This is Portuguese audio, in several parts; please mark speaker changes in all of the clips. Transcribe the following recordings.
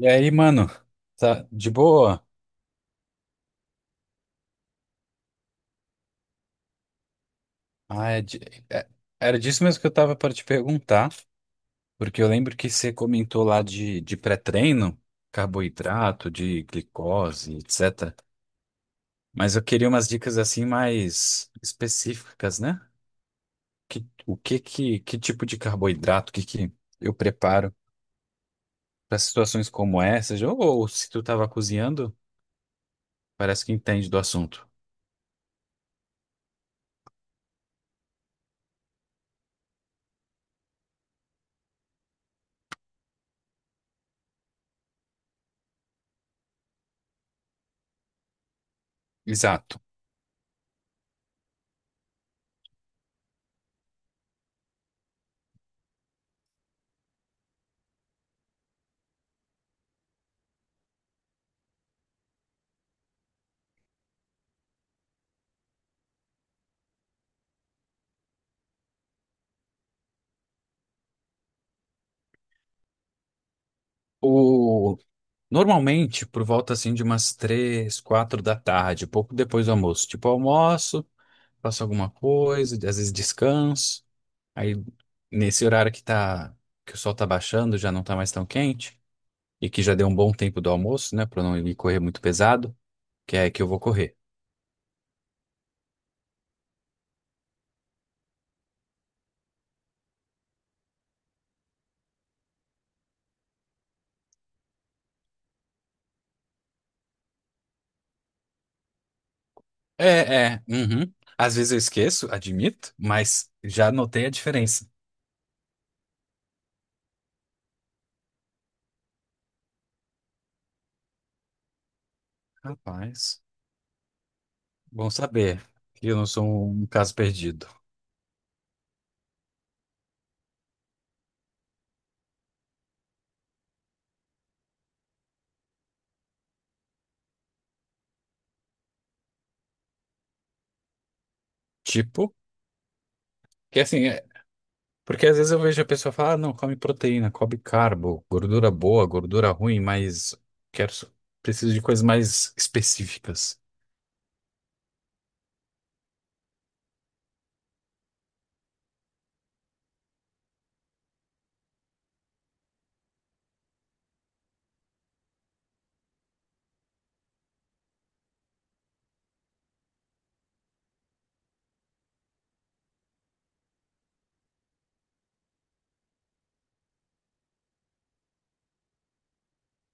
Speaker 1: E aí, mano, tá de boa? Ah, é de- é- era disso mesmo que eu tava para te perguntar, porque eu lembro que você comentou lá de pré-treino, carboidrato, de glicose, etc. Mas eu queria umas dicas assim mais específicas, né? Que tipo de carboidrato que eu preparo para situações como essas? Ou se tu tava cozinhando, parece que entende do assunto. Exato. Normalmente, por volta assim de umas três, quatro da tarde, pouco depois do almoço. Tipo, eu almoço, faço alguma coisa, às vezes descanso. Aí, nesse horário que tá, que o sol tá baixando, já não tá mais tão quente, e que já deu um bom tempo do almoço, né, pra não ir correr muito pesado, que é que eu vou correr. É, uhum. Às vezes eu esqueço, admito, mas já notei a diferença. Rapaz, bom saber que eu não sou um caso perdido. Tipo, que assim. é, Porque às vezes eu vejo a pessoa falar, ah, não, come proteína, come carbo, gordura boa, gordura ruim, mas quero, só- preciso de coisas mais específicas.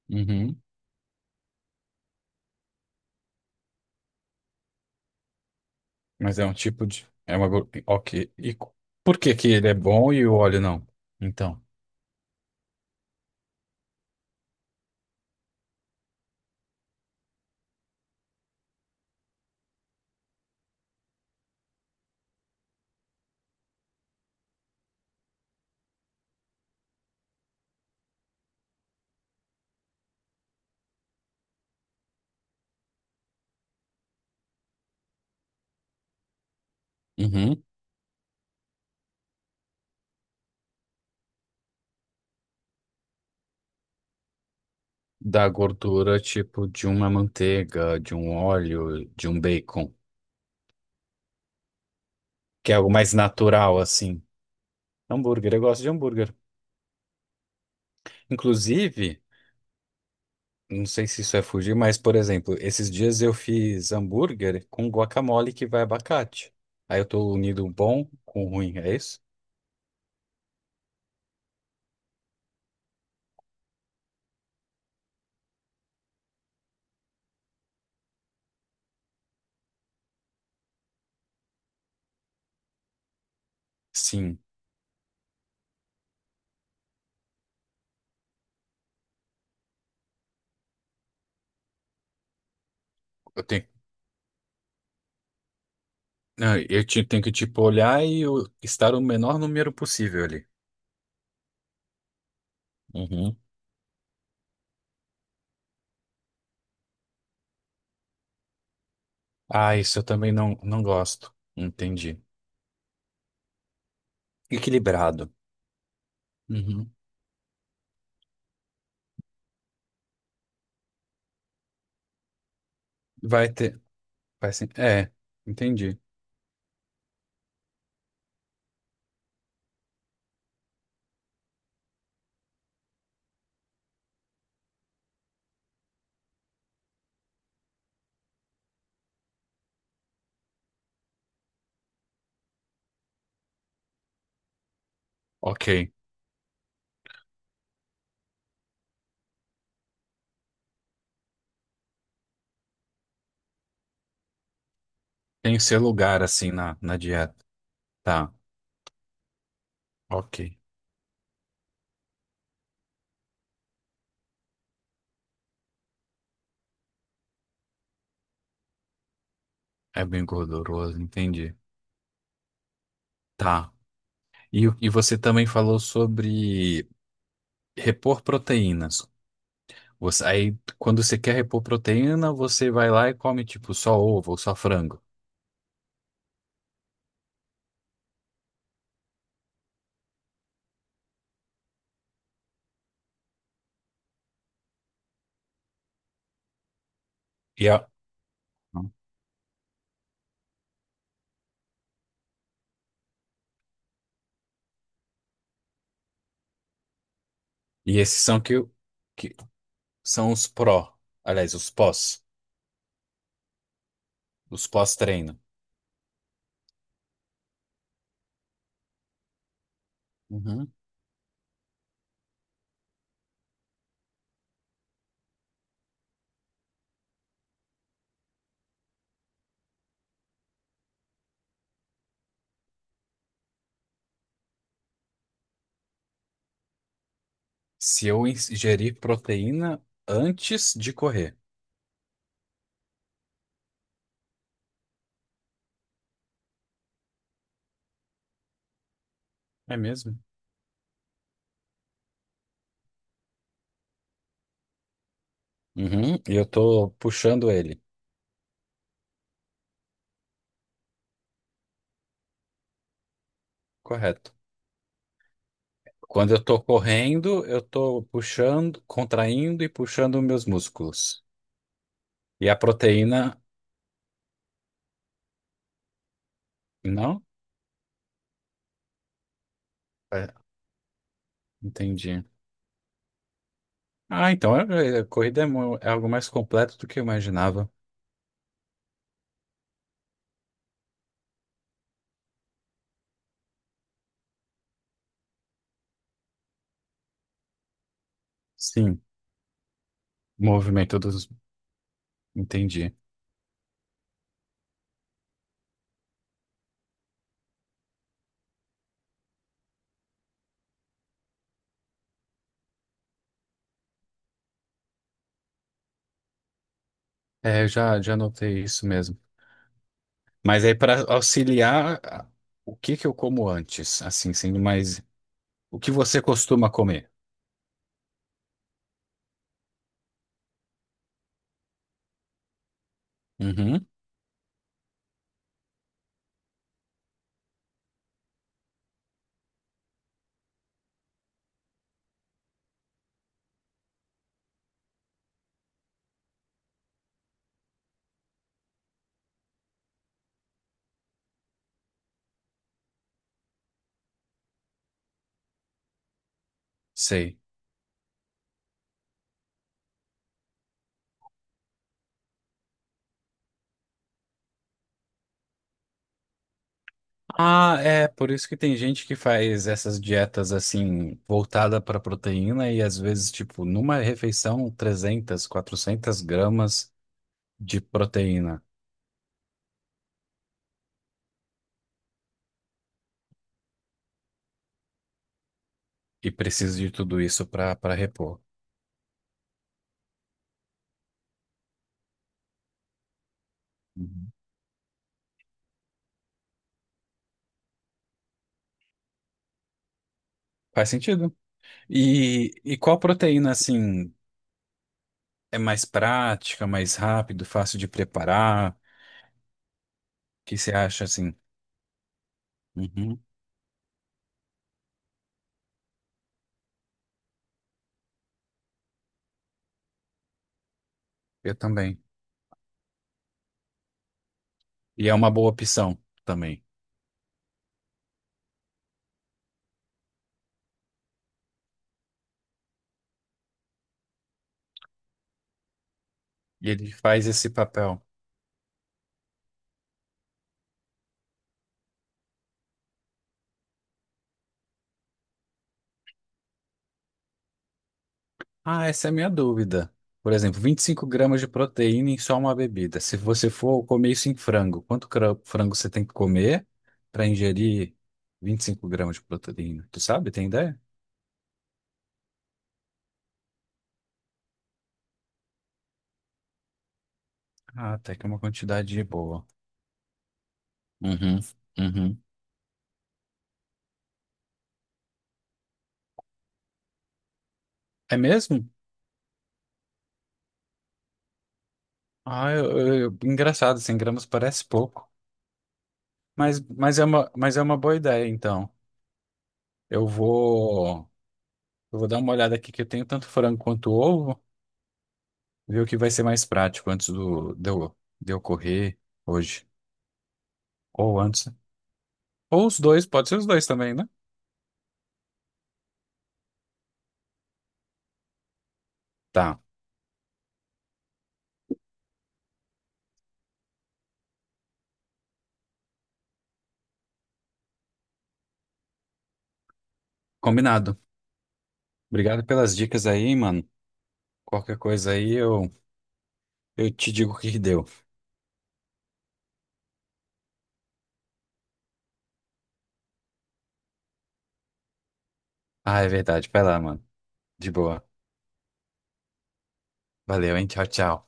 Speaker 1: Uhum. Mas é um tipo de, é uma, gor- ok, por que que ele é bom e o óleo não? Então, uhum. Da gordura tipo de uma manteiga, de um óleo, de um bacon, que é algo mais natural assim. Hambúrguer, eu gosto de hambúrguer. Inclusive, não sei se isso é fugir, mas, por exemplo, esses dias eu fiz hambúrguer com guacamole que vai abacate. Aí eu tô unindo o bom com o ruim, é isso? Sim. Eu tenho, ah, eu ti- Tenho que, tipo, olhar e estar o menor número possível ali. Uhum. Ah, isso eu também não gosto. Entendi. Equilibrado. Uhum. Vai ter. Vai ser, é, Entendi. Ok. Tem seu lugar, assim, na dieta. Tá. Ok. É bem gorduroso, entendi. Tá. E, e você também falou sobre repor proteínas. Você, aí, quando você quer repor proteína, você vai lá e come, tipo, só ovo ou só frango. E, e esses são que são os pró, aliás, os pós, os pós-treino. Uhum. Se eu ingerir proteína antes de correr. É mesmo? Uhum, e eu tô puxando ele. Correto. Quando eu tô correndo, eu tô puxando, contraindo e puxando meus músculos. E a proteína, não? É, entendi. Ah, então a corrida é algo mais completo do que eu imaginava. Sim, movimento dos. Entendi. É, eu já notei isso mesmo. Mas aí, para auxiliar, o que que eu como antes? Assim, sendo mais. O que você costuma comer? Uhum, sei. Ah, é, por isso que tem gente que faz essas dietas assim, voltada para proteína e às vezes, tipo, numa refeição, 300, 400 gramas de proteína e preciso de tudo isso para repor. Uhum. Faz sentido. E qual proteína, assim, é mais prática, mais rápido, fácil de preparar? O que você acha, assim? Uhum, eu também. E é uma boa opção também. E ele faz esse papel. Ah, essa é a minha dúvida. Por exemplo, 25 gramas de proteína em só uma bebida. Se você for comer isso em frango, quanto frango você tem que comer para ingerir 25 gramas de proteína? Tu sabe? Tem ideia? Ah, até que é uma quantidade boa. Uhum, uhum. É mesmo? Ah, engraçado, 100 gramas parece pouco, mas é uma boa ideia, então. Eu vou, eu vou dar uma olhada aqui que eu tenho tanto frango quanto ovo, ver o que vai ser mais prático antes de eu correr hoje. Ou antes. Ou os dois, pode ser os dois também, né? Tá, combinado. Obrigado pelas dicas aí, mano. Qualquer coisa aí eu te digo o que que deu. Ah, é verdade. Vai lá, mano. De boa. Valeu, hein? Tchau, tchau.